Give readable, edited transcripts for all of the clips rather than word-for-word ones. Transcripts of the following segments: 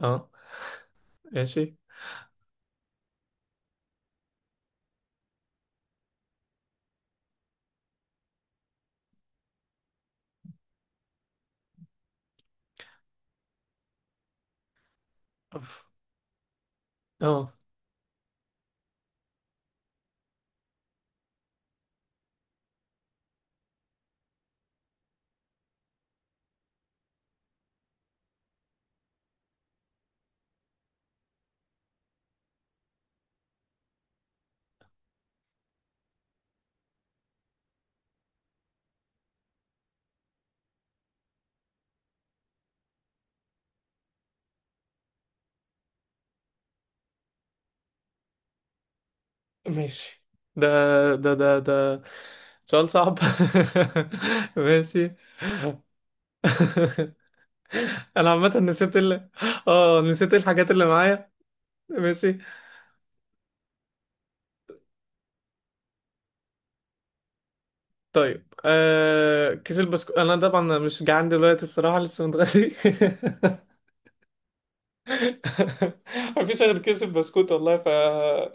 اه، ماشي. أف- اه، ماشي. ده ده سؤال صعب. ماشي. انا عامة نسيت ال اه نسيت الحاجات اللي معايا. ماشي، طيب. كيس البسكوت، انا طبعا مش جعان دلوقتي الصراحة، لسه متغدي. مفيش غير كيس البسكوت والله، ف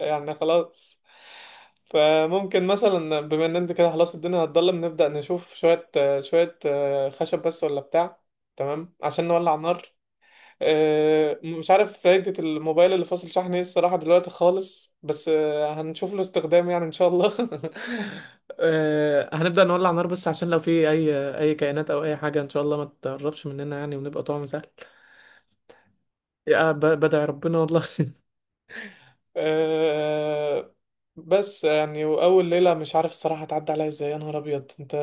يعني خلاص. فممكن مثلا، بما ان انت كده خلاص الدنيا هتضلم، نبدأ نشوف شوية خشب بس ولا بتاع، تمام، عشان نولع نار. مش عارف فايدة الموبايل اللي فاصل شحن ايه الصراحة دلوقتي خالص، بس هنشوف له استخدام يعني ان شاء الله. هنبدأ نولع نار بس عشان لو في اي كائنات او اي حاجة ان شاء الله ما تقربش مننا يعني، ونبقى طعم سهل. يا بدع ربنا والله. أه، بس يعني واول ليله مش عارف الصراحه هتعدي عليا ازاي، يا نهار ابيض. انت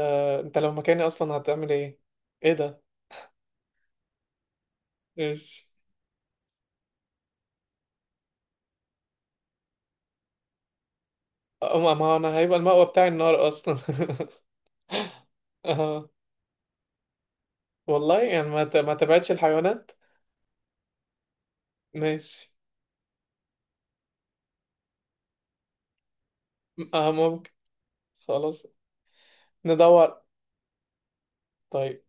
انت لو مكاني اصلا هتعمل ايه؟ ايه ده؟ ايش؟ أه، ما انا هيبقى المأوى بتاعي النار اصلا. اه والله يعني ما تبعدش الحيوانات. ماشي، اه ممكن، خلاص ندور. طيب،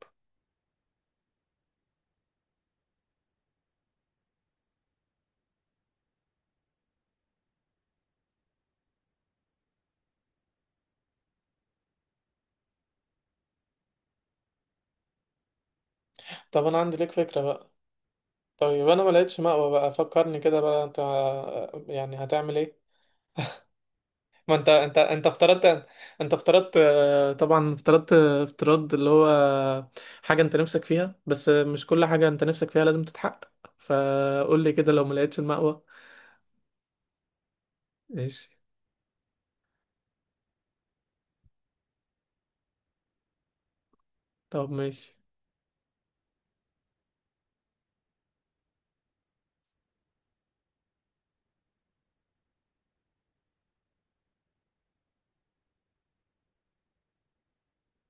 طب انا عندي ليك فكره بقى. طيب، انا ما لقيتش مأوى بقى، فكرني كده بقى، انت يعني هتعمل ايه؟ ما انت افترضت. انت افترضت طبعا افترضت افتراض اللي هو حاجة انت نفسك فيها، بس مش كل حاجة انت نفسك فيها لازم تتحقق. فقول لي كده، لو ما لقيتش المأوى. ماشي. طب ماشي.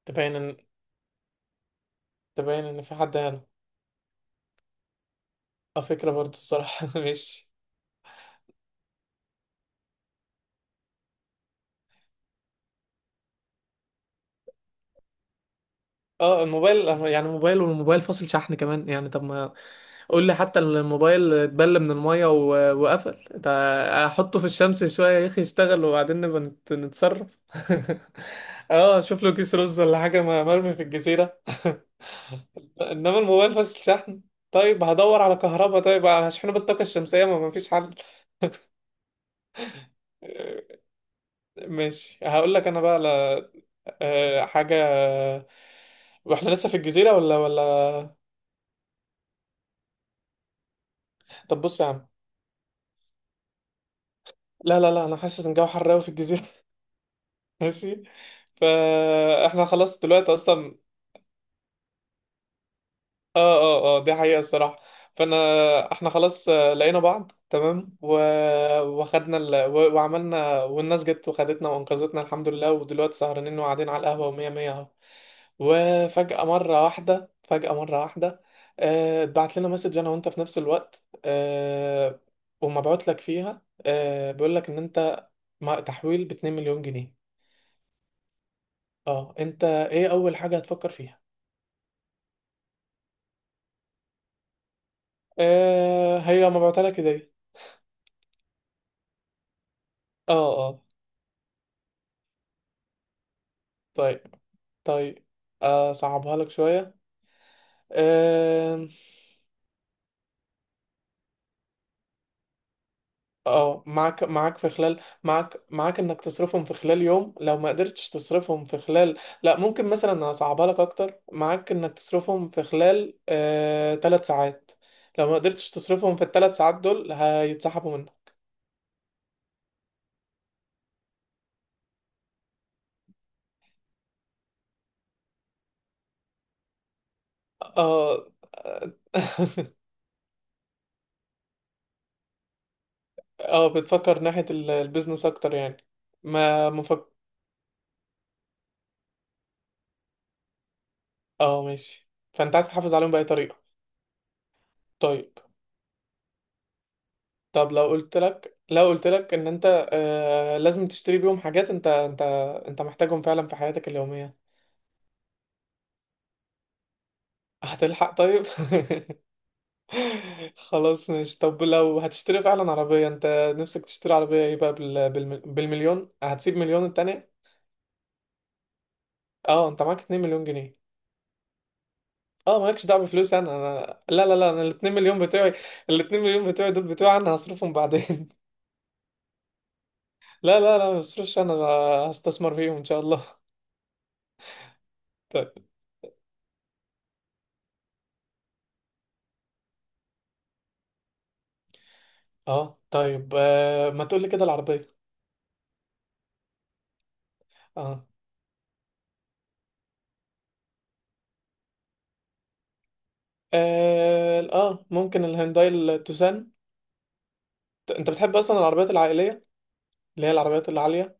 تبين ان تبين ان في حد هنا. اه، فكرة برضه الصراحة. ماشي. اه الموبايل، يعني موبايل والموبايل فاصل شحن كمان يعني، طب ما قول لي، حتى الموبايل اتبل من المية وقفل ده، احطه في الشمس شوية يا اخي يشتغل، وبعدين نبقى نتصرف. اه، اشوف له كيس رز ولا حاجة مرمي في الجزيرة. انما الموبايل فاصل شحن، طيب هدور على كهرباء، طيب هشحنه بالطاقة الشمسية، ما مفيش حل. آه، ماشي، هقول لك انا بقى على حاجة. واحنا لسه في الجزيرة ولا؟ طب بص يا عم، لا لا لا انا حاسس ان الجو حر قوي في الجزيره. ماشي، فاحنا خلاص دلوقتي اصلا. اه اه اه، دي حقيقه الصراحه. فانا احنا خلاص لقينا بعض تمام و... وخدنا ال... و... وعملنا، والناس جت وخدتنا وانقذتنا الحمد لله. ودلوقتي سهرانين وقاعدين على القهوه ومية مية اهو. وفجاه مره واحده فجاه مره واحده اتبعت لنا مسج انا وانت في نفس الوقت، ومبعوت لك فيها بيقول لك ان انت تحويل ب 2 مليون جنيه. اه انت ايه اول حاجة هتفكر فيها؟ آه هي ما بعتلك كده. اه اه، طيب طيب. آه، صعبها لك شوية. آه. اه، معاك في خلال معاك انك تصرفهم في خلال يوم، لو ما قدرتش تصرفهم في خلال. لا، ممكن مثلا اصعبها لك اكتر. معاك انك تصرفهم في خلال 3 ساعات، لو ما قدرتش تصرفهم في الثلاث ساعات دول هيتسحبوا منك. اه. اه، بتفكر ناحية البيزنس اكتر يعني. ما مفك. اه ماشي، فانت عايز تحافظ عليهم بأي طريقة. طيب. طب لو قلت لك ان انت آه لازم تشتري بيهم حاجات انت انت محتاجهم فعلا في حياتك اليومية. هتلحق طيب؟ خلاص، ماشي. طب لو هتشتري فعلا عربية، انت نفسك تشتري عربية ايه بقى بالمليون؟ هتسيب مليون التانية؟ اه انت معاك 2 مليون جنيه. اه مالكش دعوه بفلوس انا، لا لا لا، انا الاتنين مليون بتوعي. الاتنين مليون بتوعي دول بتوعي انا، هصرفهم بعدين. لا لا لا، ما بصرفش انا هستثمر فيهم ان شاء الله. طيب. اه طيب، آه ما تقول لي كده العربيه. اه اه، آه، ممكن الهيونداي التوسان. انت بتحب اصلا العربيات العائليه اللي هي العربيات العاليه.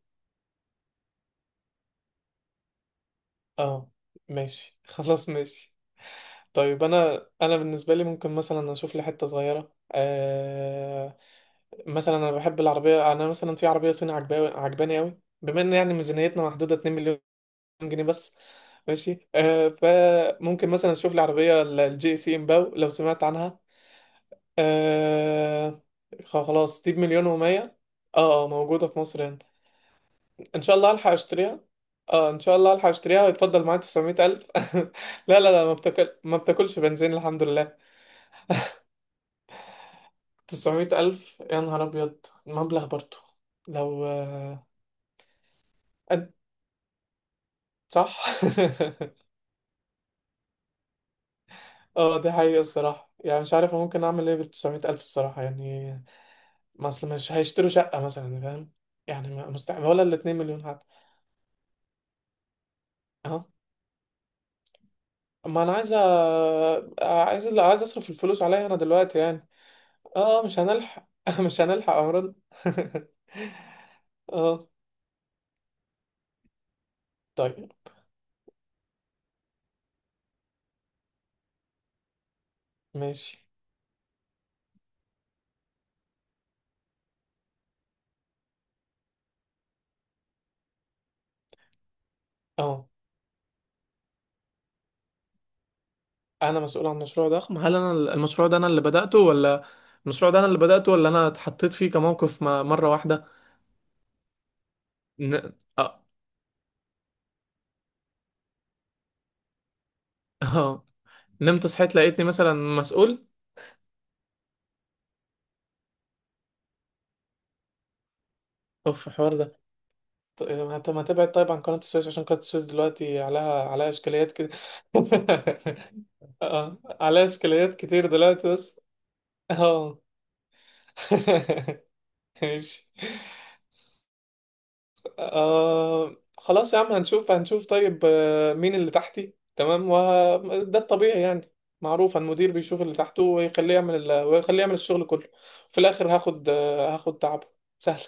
اه، ماشي. خلاص ماشي. طيب، انا بالنسبه لي ممكن مثلا اشوف لي حته صغيره، مثلا انا بحب العربيه. انا مثلا في عربيه صيني عجباني عجباني قوي، بما ان يعني ميزانيتنا محدوده 2 مليون جنيه بس. ماشي، آه، فممكن مثلا اشوف العربيه الجي سي امباو، لو سمعت عنها. آه. خلاص، دي بمليون و100. اه، موجوده في مصر هنا. ان شاء الله الحق اشتريها. اه ان شاء الله الحق اشتريها ويتفضل معايا 900,000. لا لا لا، ما بتاكل ما بتاكلش بنزين الحمد لله. 900,000 يا نهار ابيض، مبلغ برضه. لو صح. اه دي حقيقة الصراحة، يعني مش عارف ممكن اعمل ايه بالتسعمية الف الصراحة، يعني ما اصل مش هيشتروا شقة مثلا فاهم، يعني مستحيل، ولا الاتنين مليون حتى. اه ما انا عايز عايز اصرف الفلوس عليا انا دلوقتي يعني. اه مش هنلحق. مش هنلحق امرنا. اه، طيب ماشي. اه انا مسؤول عن مشروع ضخم؟ هل انا المشروع ده انا اللي بدأته ولا؟ المشروع ده انا اللي بدأته ولا انا اتحطيت فيه كموقف مرة واحدة؟ ن... اه نمت صحيت لقيتني مثلا مسؤول. اوف الحوار ده. طب ما تبعد طيب عن قناة السويس، عشان قناة السويس دلوقتي عليها اشكاليات كده. اه عليها اشكاليات كتير دلوقتي بس. اه. ماشي. آه خلاص يا عم، هنشوف هنشوف. طيب، مين اللي تحتي؟ تمام، وده الطبيعي يعني معروف. المدير بيشوف اللي تحته ويخليه يعمل ويخليه يعمل الشغل كله، في الاخر هاخد هاخد تعبه. سهل.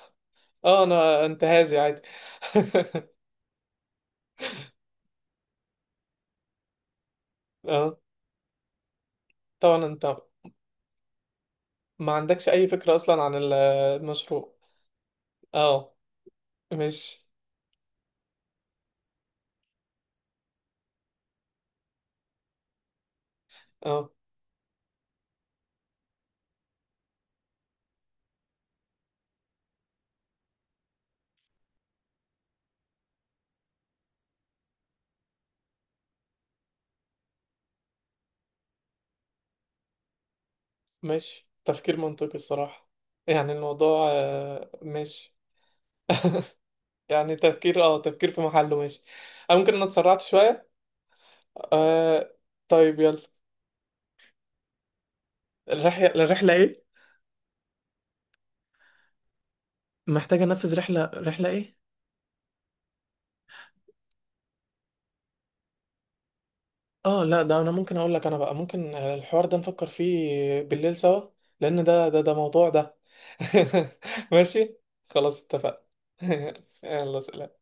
اه انا انتهازي عادي. اه طبعا، انت ما عندكش اي فكرة اصلا عن المشروع. اه مش اه مش تفكير منطقي الصراحة، يعني الموضوع مش يعني تفكير في محله، مش. أنا ممكن انا اتسرعت شوية. آه. طيب، يلا. الرحلة ايه؟ محتاجة انفذ رحلة، رحلة ايه؟ اه لا، ده انا ممكن اقول لك انا بقى، ممكن الحوار ده نفكر فيه بالليل سوا، لان ده موضوع ده. ماشي، خلاص اتفقنا. يلا سلام.